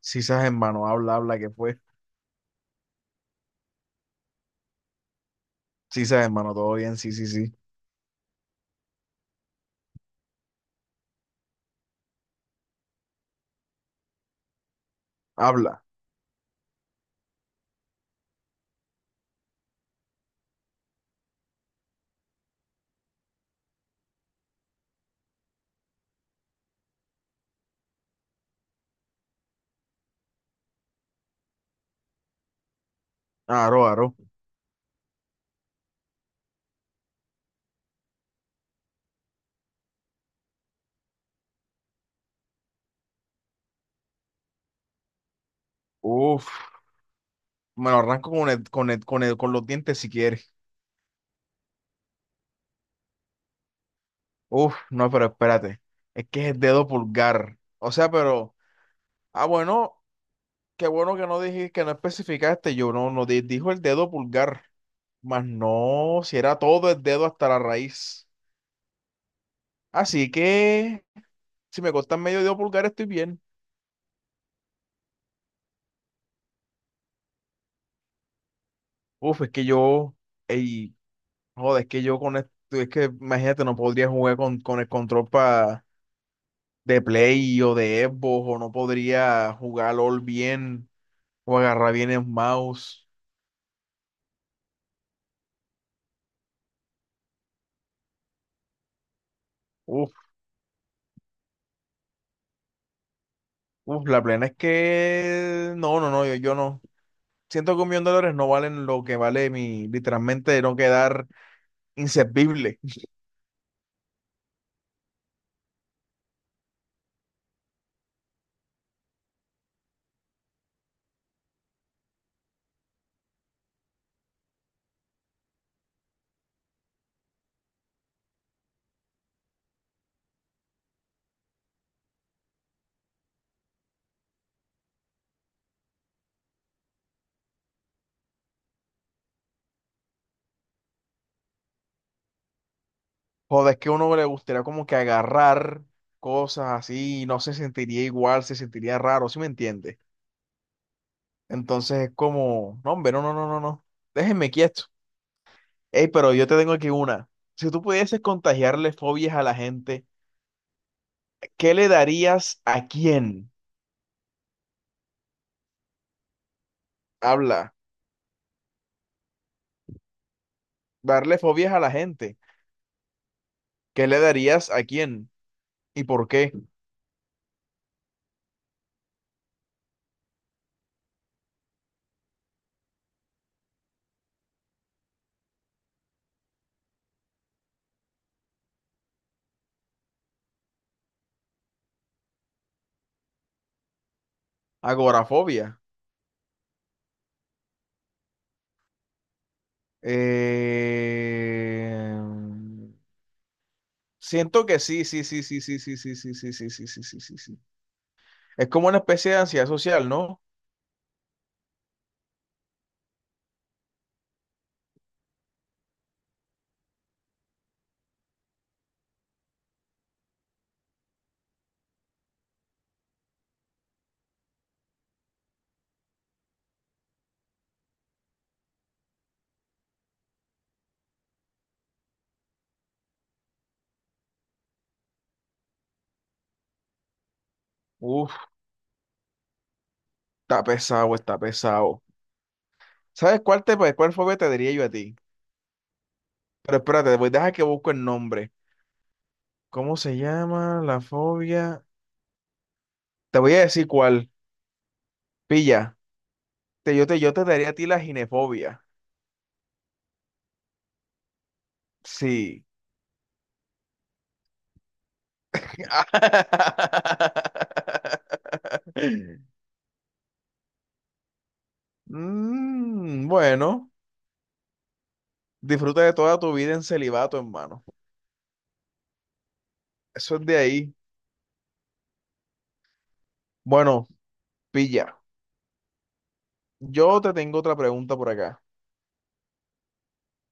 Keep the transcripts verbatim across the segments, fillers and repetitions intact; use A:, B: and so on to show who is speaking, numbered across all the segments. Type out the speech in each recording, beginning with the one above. A: Sí, sabes, hermano, habla, habla, ¿qué fue? Sí, sabes, hermano, todo bien, sí, sí, sí. Habla. Aro, aro. Uf, Me lo arranco con el, con el- con el- con los dientes si quieres. Uf, no, pero espérate. Es que es el dedo pulgar. O sea, pero. Ah, bueno, qué bueno que no dijiste, que no especificaste. Yo no, no di- Dijo el dedo pulgar. Más no, si era todo el dedo hasta la raíz. Así que, si me cortan medio dedo pulgar, estoy bien. Uf, es que yo. Ey, joder, es que yo con esto, es que imagínate, no podría jugar con, con el control pa- de Play o de Xbox, o no podría jugar LOL bien, o agarrar bien el mouse. Uf, uf, la plena es que no, no, no, yo, yo no. Siento que un millón de dólares no valen lo que vale mi, literalmente, no quedar inservible. Joder, es que a uno le gustaría como que agarrar cosas así, y no se sentiría igual, se sentiría raro, ¿sí me entiende? Entonces es como, no, hombre, no, no, no, no, no. Déjenme quieto. Ey, pero yo te tengo aquí una. Si tú pudieses contagiarle fobias a la gente, ¿qué le darías a quién? Habla, darle fobias a la gente. ¿Qué le darías a quién? ¿Y por qué? Agorafobia. Eh, Siento que sí, sí, sí, sí, sí, sí, sí, sí, sí, sí, sí, sí, sí, sí, sí. Es como una especie de ansiedad social, ¿no? Uf, Está pesado, está pesado. ¿Sabes cuál te, cuál fobia te diría yo a ti? Pero espérate, voy, deja que busco el nombre. ¿Cómo se llama la fobia? Te voy a decir cuál. Pilla. Te, yo, te, yo te daría a ti la ginefobia. Sí. Mm, bueno, disfruta de toda tu vida en celibato, hermano. Eso es de ahí. Bueno, pilla. Yo te tengo otra pregunta por acá.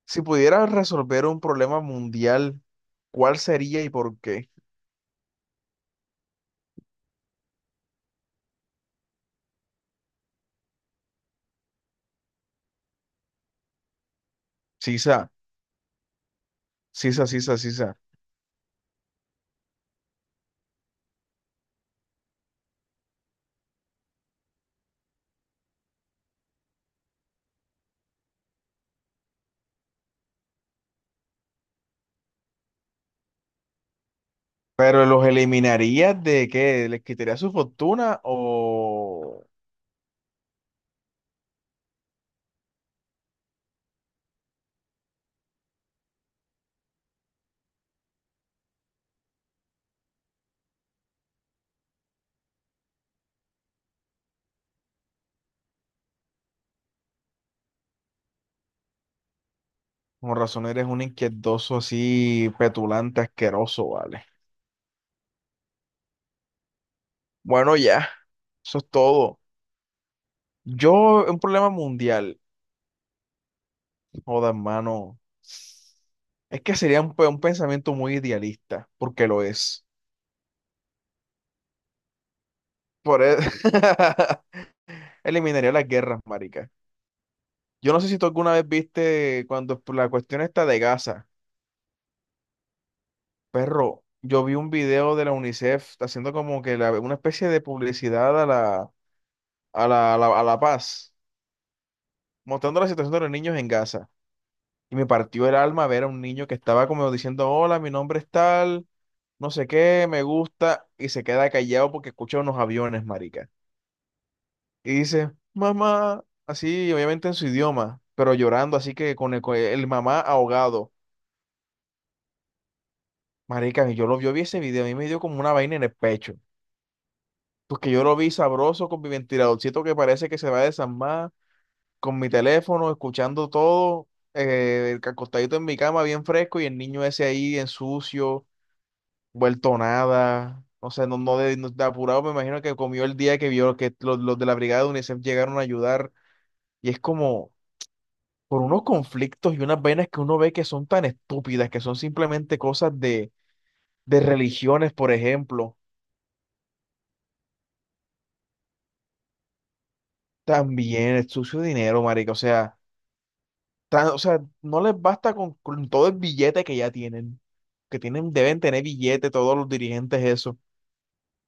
A: Si pudieras resolver un problema mundial, ¿cuál sería y por qué? Sisa, sisa, sisa, sisa. ¿Pero los eliminarías de qué? ¿Les quitarías su fortuna o con razón eres un inquietoso así, petulante, asqueroso, vale? Bueno, ya, eso es todo. Yo, un problema mundial, joda, hermano, es que sería un, pe- un pensamiento muy idealista, porque lo es. Por eso, eliminaría las guerras, marica. Yo no sé si tú alguna vez viste cuando la cuestión está de Gaza. Perro, yo vi un video de la UNICEF haciendo como que la- una especie de publicidad a la, a la, a la, a la paz, mostrando la situación de los niños en Gaza. Y me partió el alma ver a un niño que estaba como diciendo, hola, mi nombre es tal, no sé qué, me gusta, y se queda callado porque escucha unos aviones, marica. Y dice, mamá, así, obviamente en su idioma, pero llorando, así que con el, con el mamá ahogado. Marica, yo lo yo vi ese video, a mí me dio como una vaina en el pecho. Pues que yo lo vi sabroso con mi ventiladorcito que parece que se va a desarmar, con mi teléfono, escuchando todo, eh, el acostadito en mi cama bien fresco y el niño ese ahí en sucio, vuelto nada. O sea, no, no, de, no- de apurado, me imagino que comió el día que vio que los, los de la brigada de UNICEF llegaron a ayudar. Y es como por unos conflictos y unas venas que uno ve que son tan estúpidas, que son simplemente cosas de, de religiones, por ejemplo. También el sucio dinero, marica. O sea, tan- o sea, no les basta con, con todo el billete que ya tienen, que tienen, deben tener billete todos los dirigentes eso,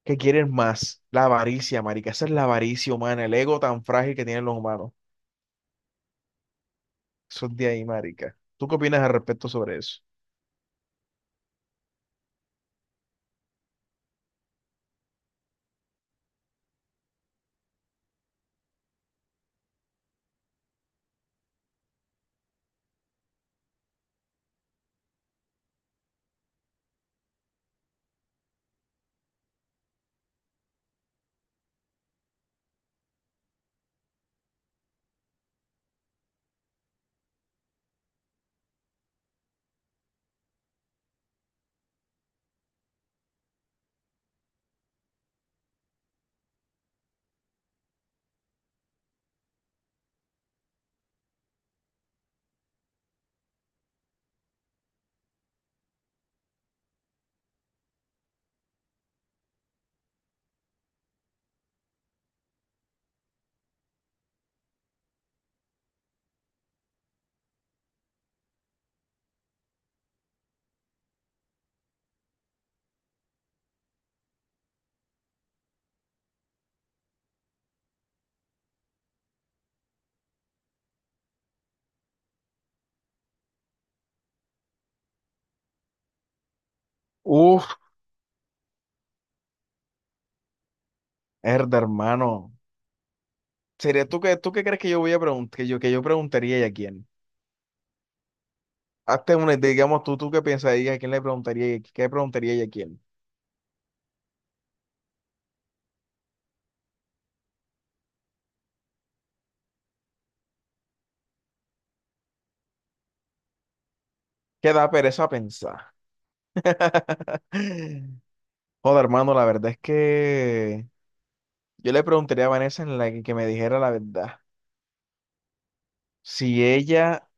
A: que quieren más, la avaricia, marica, esa es la avaricia humana, el ego tan frágil que tienen los humanos, eso es de ahí, marica. ¿Tú qué opinas al respecto sobre eso? Uf, herda, hermano, sería tú que, tú qué crees que yo voy a preguntar, que yo, que yo preguntaría y a quién. Hazte una, digamos tú, tú qué pensarías, a quién le preguntaría y a- qué preguntaría y a quién. ¿Qué da pereza pensar? Joder, hermano, la verdad es que yo le preguntaría a Vanessa en la que, que me dijera la verdad. Si ella,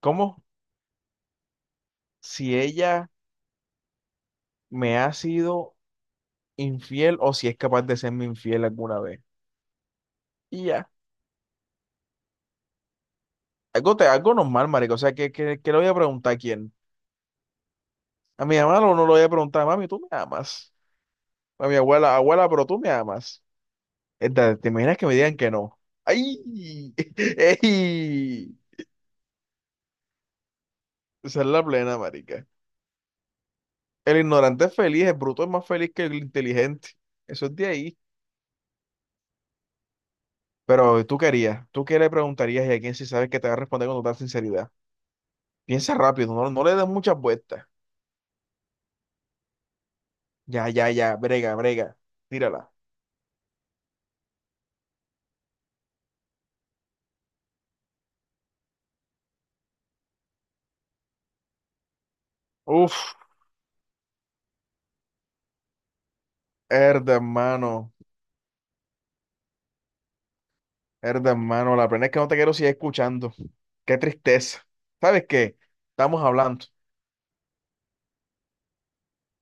A: ¿cómo? Si ella me ha sido infiel o si es capaz de serme infiel alguna vez. Y ya. Algo, te, algo normal, marico. O sea, ¿qué, qué, qué le voy a preguntar a quién? A mi mamá. ¿O no le voy a preguntar, mami, tú me amas? A mi abuela, abuela, pero tú me amas. Esta, ¿te imaginas que me digan que no? ¡Ay! ¡Ey! Esa es la plena, marica. El ignorante es feliz, el bruto es más feliz que el inteligente. Eso es de ahí. Pero tú querías, tú qué le preguntarías y a quién si sabes que te va a responder con total sinceridad. Piensa rápido, no, no le des muchas vueltas. Ya, ya, ya, brega, brega, tírala. Uf, herda hermano, Herda hermano, la pena es que no te quiero seguir escuchando. Qué tristeza. ¿Sabes qué? Estamos hablando.